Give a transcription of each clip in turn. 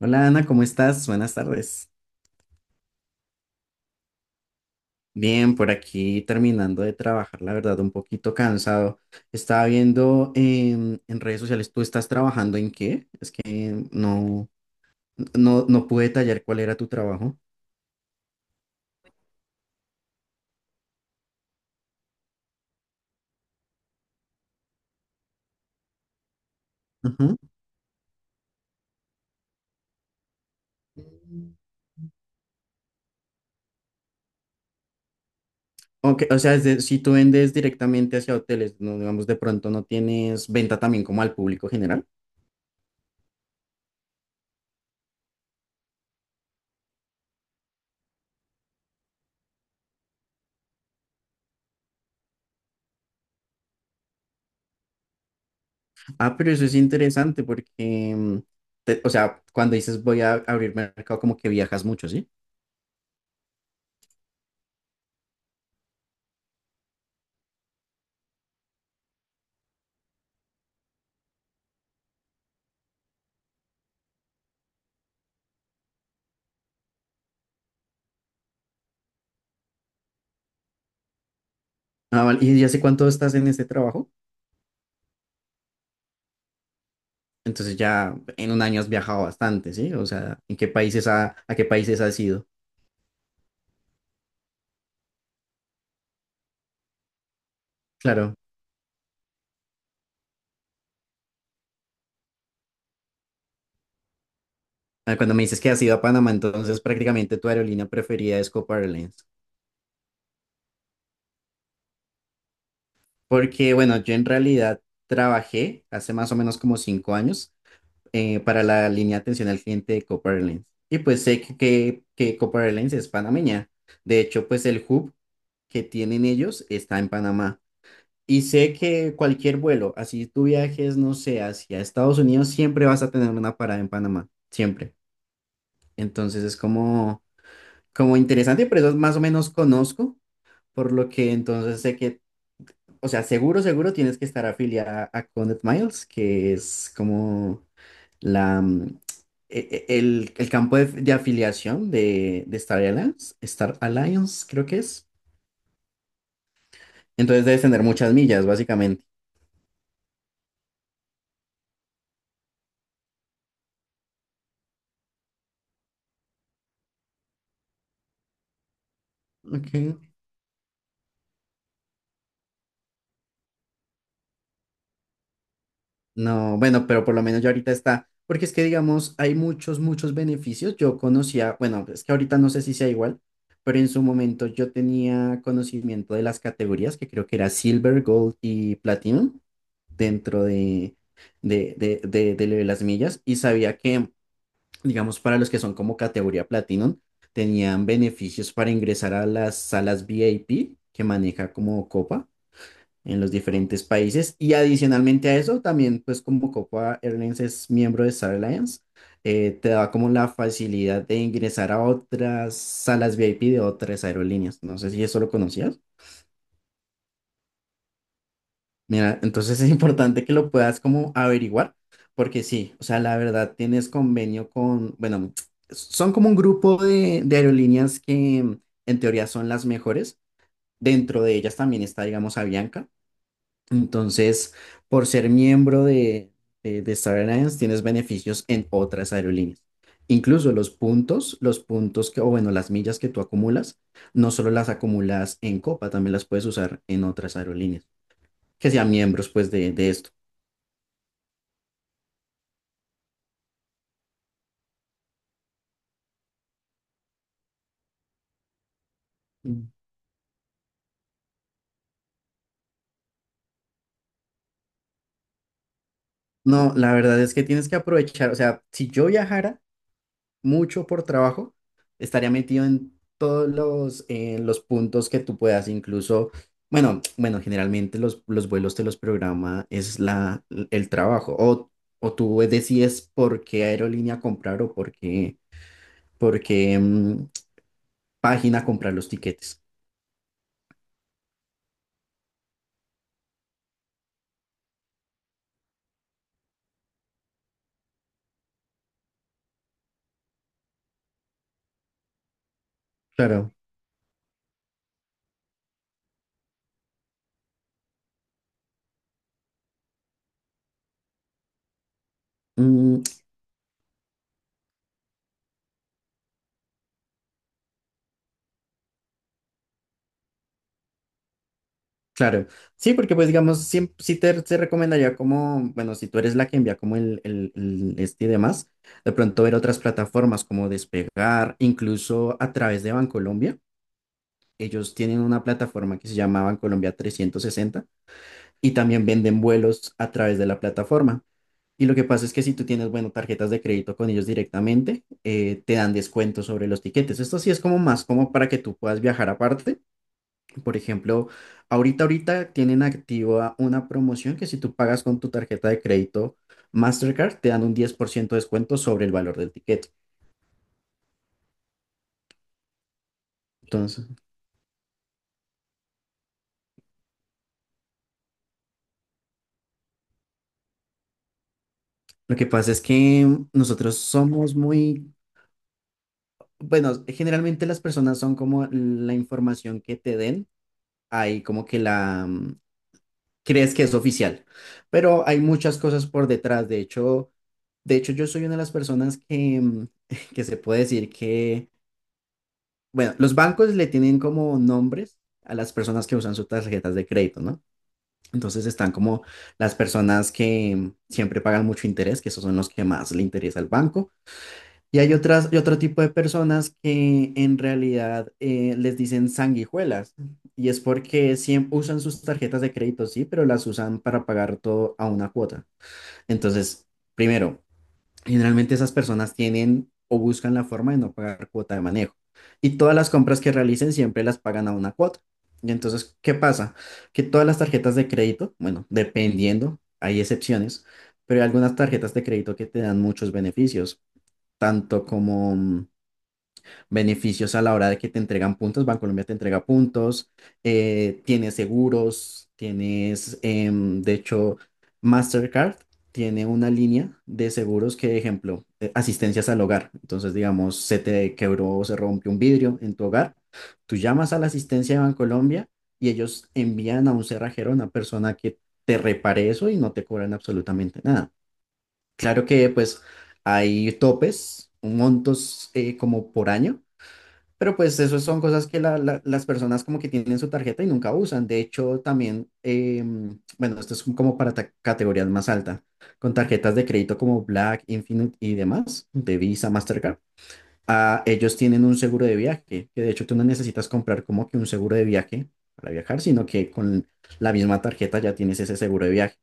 Hola Ana, ¿cómo estás? Buenas tardes. Bien, por aquí terminando de trabajar, la verdad, un poquito cansado. Estaba viendo en redes sociales, ¿tú estás trabajando en qué? Es que no, no, no pude detallar cuál era tu trabajo. Ujú. Ok, o sea, si tú vendes directamente hacia hoteles, no, digamos, de pronto no tienes venta también como al público general. Ah, pero eso es interesante porque, o sea, cuando dices voy a abrir mercado, como que viajas mucho, ¿sí? Ah, vale. ¿Y ya hace cuánto estás en este trabajo? Entonces ya en un año has viajado bastante, ¿sí? O sea, ¿en qué países a qué países has ido? Claro. Ah, cuando me dices que has ido a Panamá, entonces prácticamente tu aerolínea preferida es Copa Airlines. Porque, bueno, yo en realidad trabajé hace más o menos como cinco años para la línea de atención al cliente de Copa Airlines. Y pues sé que Copa Airlines es panameña. De hecho, pues el hub que tienen ellos está en Panamá. Y sé que cualquier vuelo, así tú viajes, no sé, hacia Estados Unidos, siempre vas a tener una parada en Panamá, siempre. Entonces es como, como interesante, pero eso más o menos conozco, por lo que entonces sé que, o sea, seguro, seguro tienes que estar afiliada a Connect Miles, que es como la, mm, el campo de afiliación de Star Alliance, Star Alliance creo que es. Entonces debes tener muchas millas, básicamente. Ok. No, bueno, pero por lo menos ya ahorita está, porque es que digamos, hay muchos, muchos beneficios. Yo conocía, bueno, es que ahorita no sé si sea igual, pero en su momento yo tenía conocimiento de las categorías, que creo que era Silver, Gold y Platinum, dentro de lo de las millas, y sabía que, digamos, para los que son como categoría Platinum, tenían beneficios para ingresar a las salas VIP que maneja como Copa en los diferentes países. Y adicionalmente a eso, también pues como Copa Airlines es miembro de Star Alliance, te da como la facilidad de ingresar a otras salas VIP de otras aerolíneas. No sé si eso lo conocías. Mira, entonces es importante que lo puedas como averiguar, porque sí, o sea, la verdad tienes convenio con, bueno, son como un grupo de aerolíneas que en teoría son las mejores. Dentro de ellas también está, digamos, Avianca. Entonces, por ser miembro de Star Alliance, tienes beneficios en otras aerolíneas. Incluso los puntos que, o bueno, las millas que tú acumulas, no solo las acumulas en Copa, también las puedes usar en otras aerolíneas, que sean miembros pues de esto. Mm. No, la verdad es que tienes que aprovechar, o sea, si yo viajara, mucho por trabajo, estaría metido en todos los puntos que tú puedas, incluso, bueno, bueno, generalmente los vuelos te los programa, es la, el trabajo, o tú decides por qué aerolínea comprar o por qué, por qué, mm, página comprar los tiquetes. Claro. Mm. Claro, sí, porque pues digamos, sí, te recomendaría como, bueno, si tú eres la que envía como el, el este y demás, de pronto ver otras plataformas como Despegar, incluso a través de Bancolombia. Ellos tienen una plataforma que se llama Bancolombia 360 y también venden vuelos a través de la plataforma. Y lo que pasa es que si tú tienes, bueno, tarjetas de crédito con ellos directamente, te dan descuentos sobre los tiquetes. Esto sí es como más como para que tú puedas viajar aparte, por ejemplo, ahorita, ahorita tienen activa una promoción que si tú pagas con tu tarjeta de crédito Mastercard, te dan un 10% de descuento sobre el valor del ticket. Entonces, lo que pasa es que nosotros somos muy, bueno, generalmente las personas son como la información que te den, ahí como que crees que es oficial, pero hay muchas cosas por detrás. De hecho, yo soy una de las personas que, que se puede decir que... Bueno, los bancos le tienen como nombres a las personas que usan sus tarjetas de crédito, ¿no? Entonces están como las personas que siempre pagan mucho interés, que esos son los que más le interesa al banco. Y hay otras, y otro tipo de personas que en realidad les dicen sanguijuelas. Y es porque siempre usan sus tarjetas de crédito, sí, pero las usan para pagar todo a una cuota. Entonces, primero, generalmente esas personas tienen o buscan la forma de no pagar cuota de manejo. Y todas las compras que realicen siempre las pagan a una cuota. Y entonces, ¿qué pasa? Que todas las tarjetas de crédito, bueno, dependiendo, hay excepciones, pero hay algunas tarjetas de crédito que te dan muchos beneficios, tanto como beneficios a la hora de que te entregan puntos. Bancolombia te entrega puntos, tienes seguros, tienes, de hecho, Mastercard tiene una línea de seguros que, ejemplo, asistencias al hogar. Entonces, digamos, se te quebró o se rompió un vidrio en tu hogar, tú llamas a la asistencia de Bancolombia y ellos envían a un cerrajero, a una persona que te repare eso y no te cobran absolutamente nada. Claro que, pues, hay topes, montos como por año, pero pues eso son cosas que las personas como que tienen su tarjeta y nunca usan. De hecho, también, bueno, esto es como para categorías más altas, con tarjetas de crédito como Black, Infinite y demás, de Visa, Mastercard. Ah, ellos tienen un seguro de viaje, que de hecho tú no necesitas comprar como que un seguro de viaje para viajar, sino que con la misma tarjeta ya tienes ese seguro de viaje.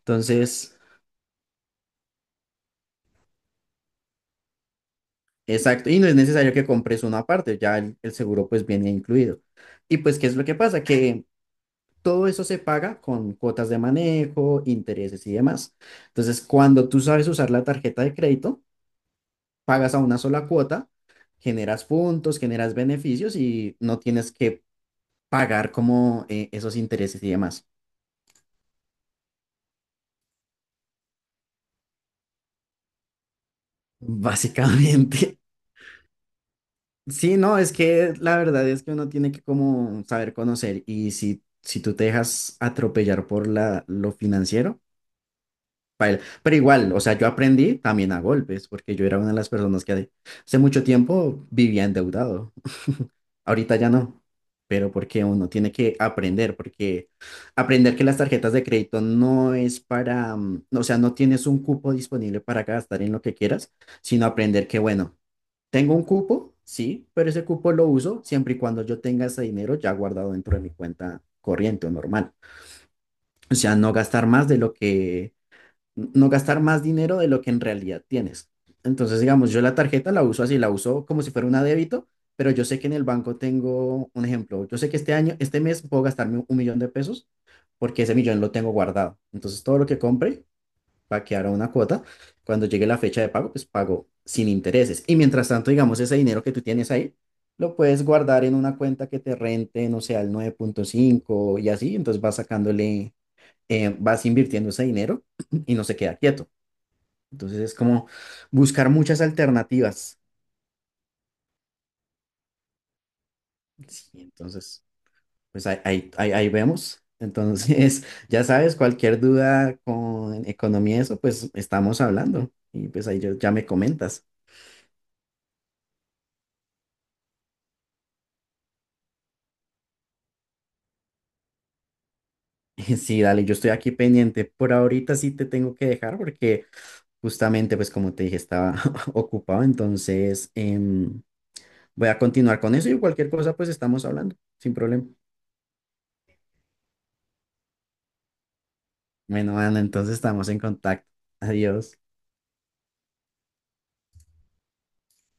Entonces, exacto, y no es necesario que compres uno aparte, ya el seguro pues viene incluido. Y pues, ¿qué es lo que pasa? Que todo eso se paga con cuotas de manejo, intereses y demás. Entonces, cuando tú sabes usar la tarjeta de crédito, pagas a una sola cuota, generas puntos, generas beneficios y no tienes que pagar como esos intereses y demás. Básicamente. Sí, no, es que la verdad es que uno tiene que como saber conocer y si, si tú te dejas atropellar por la, lo financiero, paila. Pero igual, o sea, yo aprendí también a golpes, porque yo era una de las personas que hace mucho tiempo vivía endeudado. Ahorita ya no, pero porque uno tiene que aprender, porque aprender que las tarjetas de crédito no es para, o sea, no tienes un cupo disponible para gastar en lo que quieras, sino aprender que, bueno, tengo un cupo, sí, pero ese cupo lo uso siempre y cuando yo tenga ese dinero ya guardado dentro de mi cuenta corriente o normal. O sea, no gastar más de lo que no gastar más dinero de lo que en realidad tienes. Entonces, digamos, yo la tarjeta la uso así, la uso como si fuera una débito, pero yo sé que en el banco tengo un ejemplo. Yo sé que este año, este mes puedo gastarme un millón de pesos porque ese millón lo tengo guardado. Entonces, todo lo que compre va a quedar a una cuota. Cuando llegue la fecha de pago, pues pago sin intereses. Y mientras tanto, digamos, ese dinero que tú tienes ahí, lo puedes guardar en una cuenta que te rente, no sé, al 9.5 y así. Entonces, vas sacándole, vas invirtiendo ese dinero y no se queda quieto. Entonces es como buscar muchas alternativas. Sí, entonces, pues ahí vemos. Entonces, ya sabes, cualquier duda con economía, y eso, pues estamos hablando. Y pues ahí ya me comentas. Sí, dale, yo estoy aquí pendiente. Por ahorita sí te tengo que dejar porque justamente, pues como te dije, estaba ocupado. Entonces, voy a continuar con eso y cualquier cosa, pues estamos hablando, sin problema. Bueno, Ana, entonces estamos en contacto. Adiós.